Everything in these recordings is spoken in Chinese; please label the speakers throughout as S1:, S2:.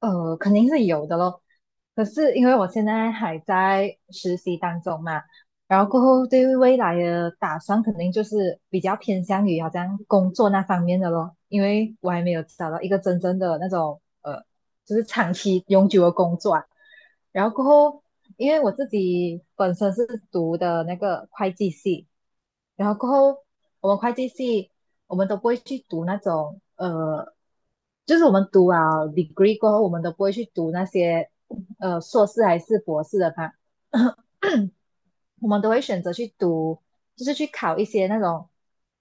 S1: 肯定是有的咯。可是因为我现在还在实习当中嘛，然后过后对于未来的打算肯定就是比较偏向于好像工作那方面的咯，因为我还没有找到一个真正的那种就是长期永久的工作啊。然后过后，因为我自己本身是读的那个会计系，然后过后我们会计系我们都不会去读那种。就是我们读啊 degree 过后，我们都不会去读那些硕士还是博士的吧。我们都会选择去读，就是去考一些那种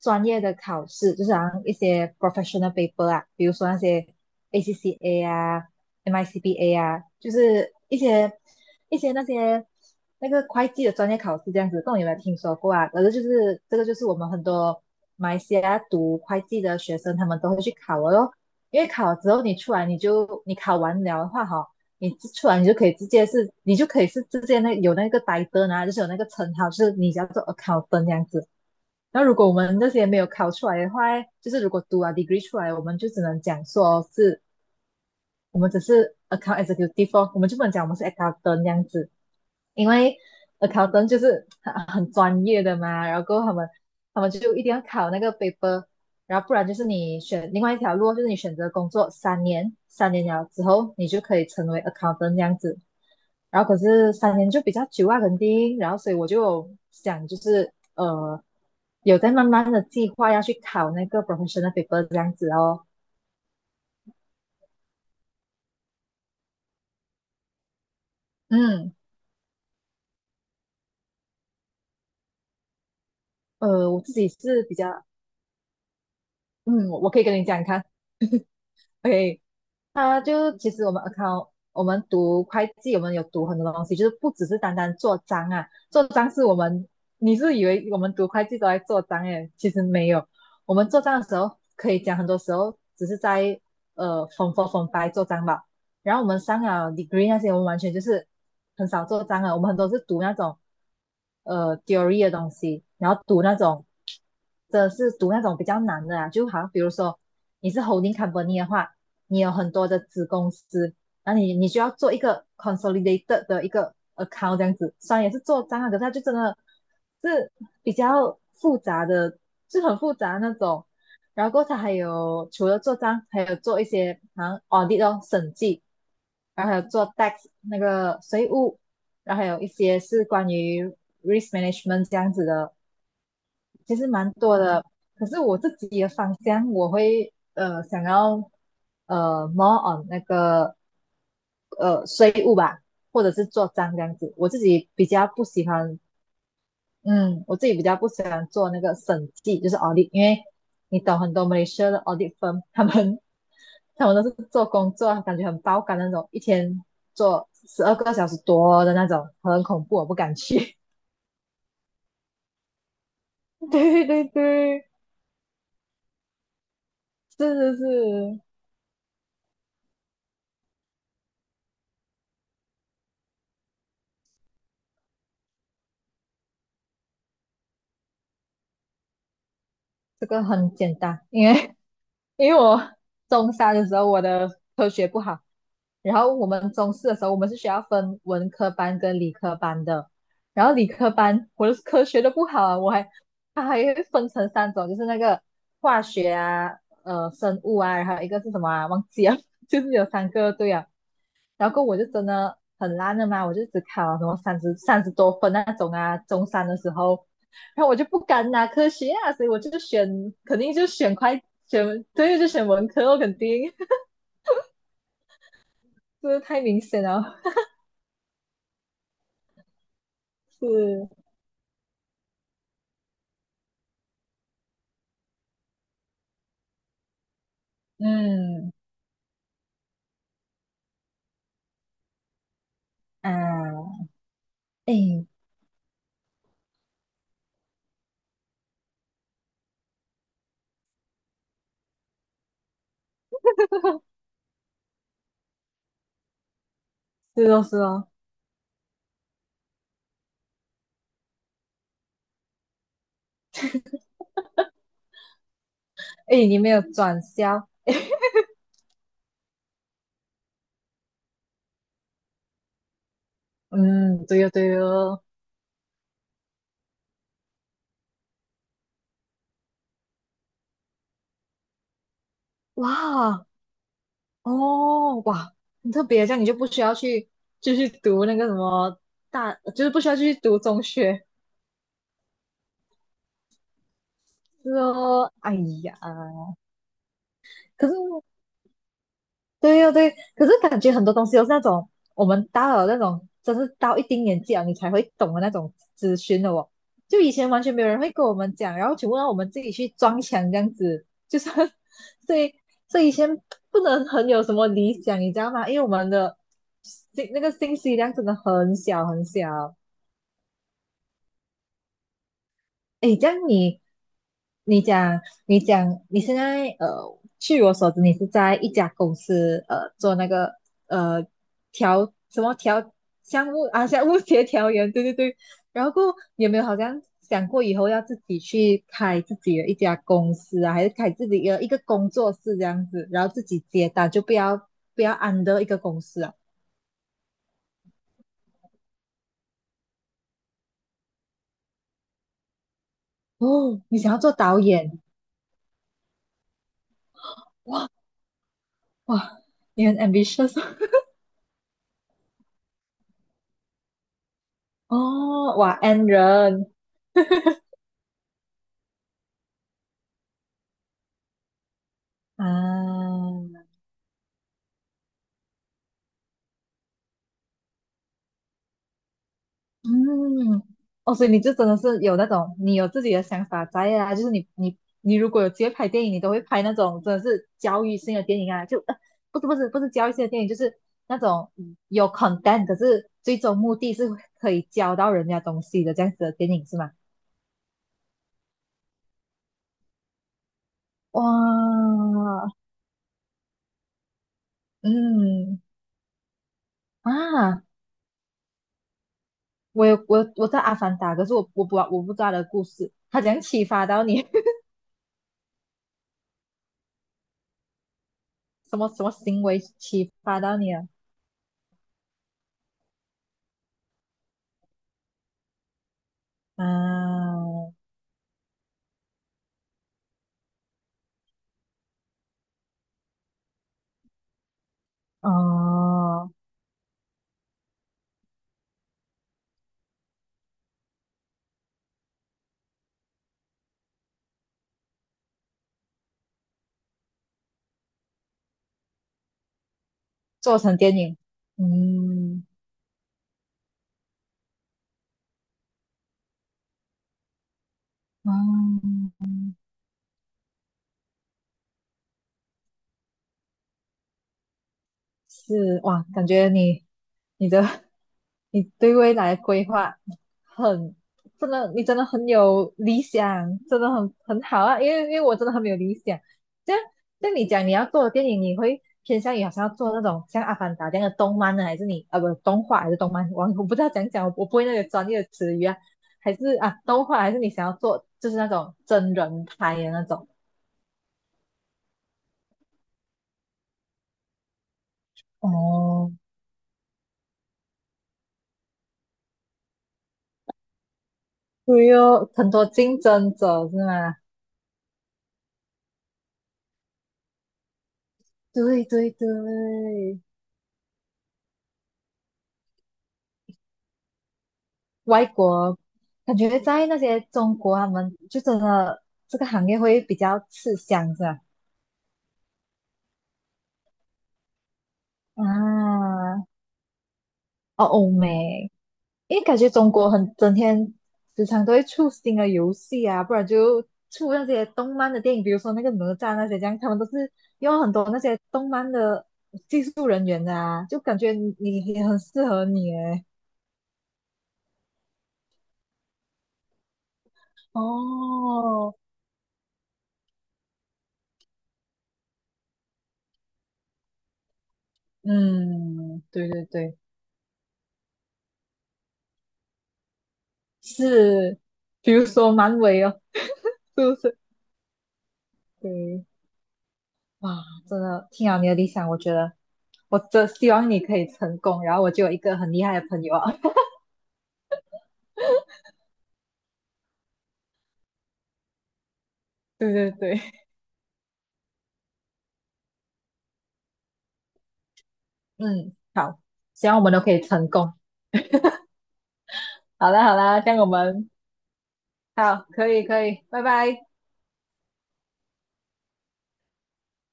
S1: 专业的考试，就是好像一些 professional paper 啊，比如说那些 ACCA 啊、MICBA 啊，就是一些一些那些那个会计的专业考试这样子，不懂有没有听说过啊？反正就是我们很多马来西亚读会计的学生，他们都会去考的咯。因为考了之后你出来你考完了的话哈、你出来你就可以直接是，你就可以是直接那有那个 i 呆灯啊，就是有那个称号，就是你叫做 accountant 这样子。那如果我们那些没有考出来的话，就是如果读啊 degree 出来，我们就只能讲说是我们只是 account executive，哦我们就不能讲我们是 accountant 这样子，因为 accountant 就是很专业的嘛。然后他们就一定要考那个 paper。然后不然就是你选另外一条路哦，就是你选择工作三年，三年了之后你就可以成为 accountant 这样子。然后可是三年就比较久啊，肯定，然后所以我就有想就是有在慢慢的计划要去考那个 professional paper 这样子哦。嗯。我自己是比较嗯，我可以跟你讲，你看，OK，啊，就其实我们 account，我们读会计，我们有读很多东西，就是不只是单单做账啊，做账是我们，你是以为我们读会计都在做账诶，其实没有。我们做账的时候可以讲很多时候只是在form four form five 做账吧。然后我们上了 degree 那些，我们完全就是很少做账啊。我们很多是读那种theory 的东西，然后读那种真的是读那种比较难的啊，就好像比如说你是 holding company 的话，你有很多的子公司，然后你你需要做一个 consolidated 的一个 account 这样子，虽然也是做账啊，可是它就真的是比较复杂的，是很复杂的那种。然后过它还有除了做账，还有做一些好像 audit 哦审计，然后还有做 tax 那个税务，然后还有一些是关于 risk management 这样子的，其实蛮多的。可是我自己的方向，我会想要more on 那个税务吧，或者是做账这样子。我自己比较不喜欢，嗯，我自己比较不喜欢做那个审计，就是 audit，因为你懂很多 Malaysia 的 audit firm，他们都是做工作，感觉很爆肝那种，一天做12个小时多的那种，很恐怖，我不敢去。对对对，是是是。这个很简单，因为 因为我中三的时候我的科学不好，然后我们中四的时候我们是需要分文科班跟理科班的，然后理科班我的科学都不好啊。我还它还会分成3种，就是那个化学啊，呃，生物啊，然后一个是什么啊，忘记了，就是有3个对啊。然后我就真的很烂的嘛，我就只考了什么三十多分那种啊，中三的时候。然后我就不敢拿科学啊，所以我就选肯定就选快选，对，就选文科，我肯定 这太明显了。是，嗯啊，哎，是哦是哦，哎，你没有转校，哎嗯，对哦对哦，哇哦哇，很特别，这样你就不需要去。继续读那个什么大，就是不需要去读中学，是哦，哎呀，可是对呀、对。可是感觉很多东西都是那种我们到了那种，真是到一定年纪了你才会懂的那种资讯的哦。就以前完全没有人会跟我们讲，然后全部让我们自己去撞墙这样子，就是 所以所以以前不能很有什么理想，你知道吗？因为我们的信那个信息量真的很小很小。诶，这样你，你讲，你讲，你现在据我所知，你是在一家公司做那个呃调什么调项目啊，项目协调员，对对对。然后过后你有没有好像想过以后要自己去开自己的一家公司啊，还是开自己的一个工作室这样子，然后自己接单，就不要 under 一个公司啊？哦，你想要做导演，哇，你很 ambitious 哦，哇，N 人。啊，嗯，哦，所以你就真的是有那种，你有自己的想法在啊，就是你你你如果有机会拍电影，你都会拍那种真的是教育性的电影啊，就不是不是不是教育性的电影，就是那种有 content，可是最终目的是可以教到人家东西的这样子的电影是吗？哇，嗯啊，我有我我在《阿凡达》，可是我不知道它的故事，他怎样启发到你？什么什么行为启发到你了？嗯，哦，做成电影，嗯，嗯，是哇，感觉你你的 你对未来的规划很真的，你真的很有理想，真的很好啊。因为我真的很没有理想。这样，像你讲你要做的电影，你会偏向于好像要做那种像《阿凡达》这样的动漫呢，还是你啊不动画还是动漫？我不知道讲讲，我不会那个专业的词语啊。还是啊动画，还是你想要做就是那种真人拍的那种？哦，对哦，很多竞争者是吗？对对对，外国感觉在那些中国，他们就真的这个行业会比较吃香，是吧？啊，哦，欧美，因为感觉中国很整天时常都会出新的游戏啊，不然就出那些动漫的电影，比如说那个哪吒那些这样，他们都是用很多那些动漫的技术人员的啊，就感觉你也很适合你诶。哦，嗯，对对对。是，比如说蛮伟哦，是不是？对，哇，真的听了你的理想，我觉得我真希望你可以成功，然后我就有一个很厉害的朋友啊。对对对，嗯，好，希望我们都可以成功。好啦好啦，这样我们好，可以可以，拜拜。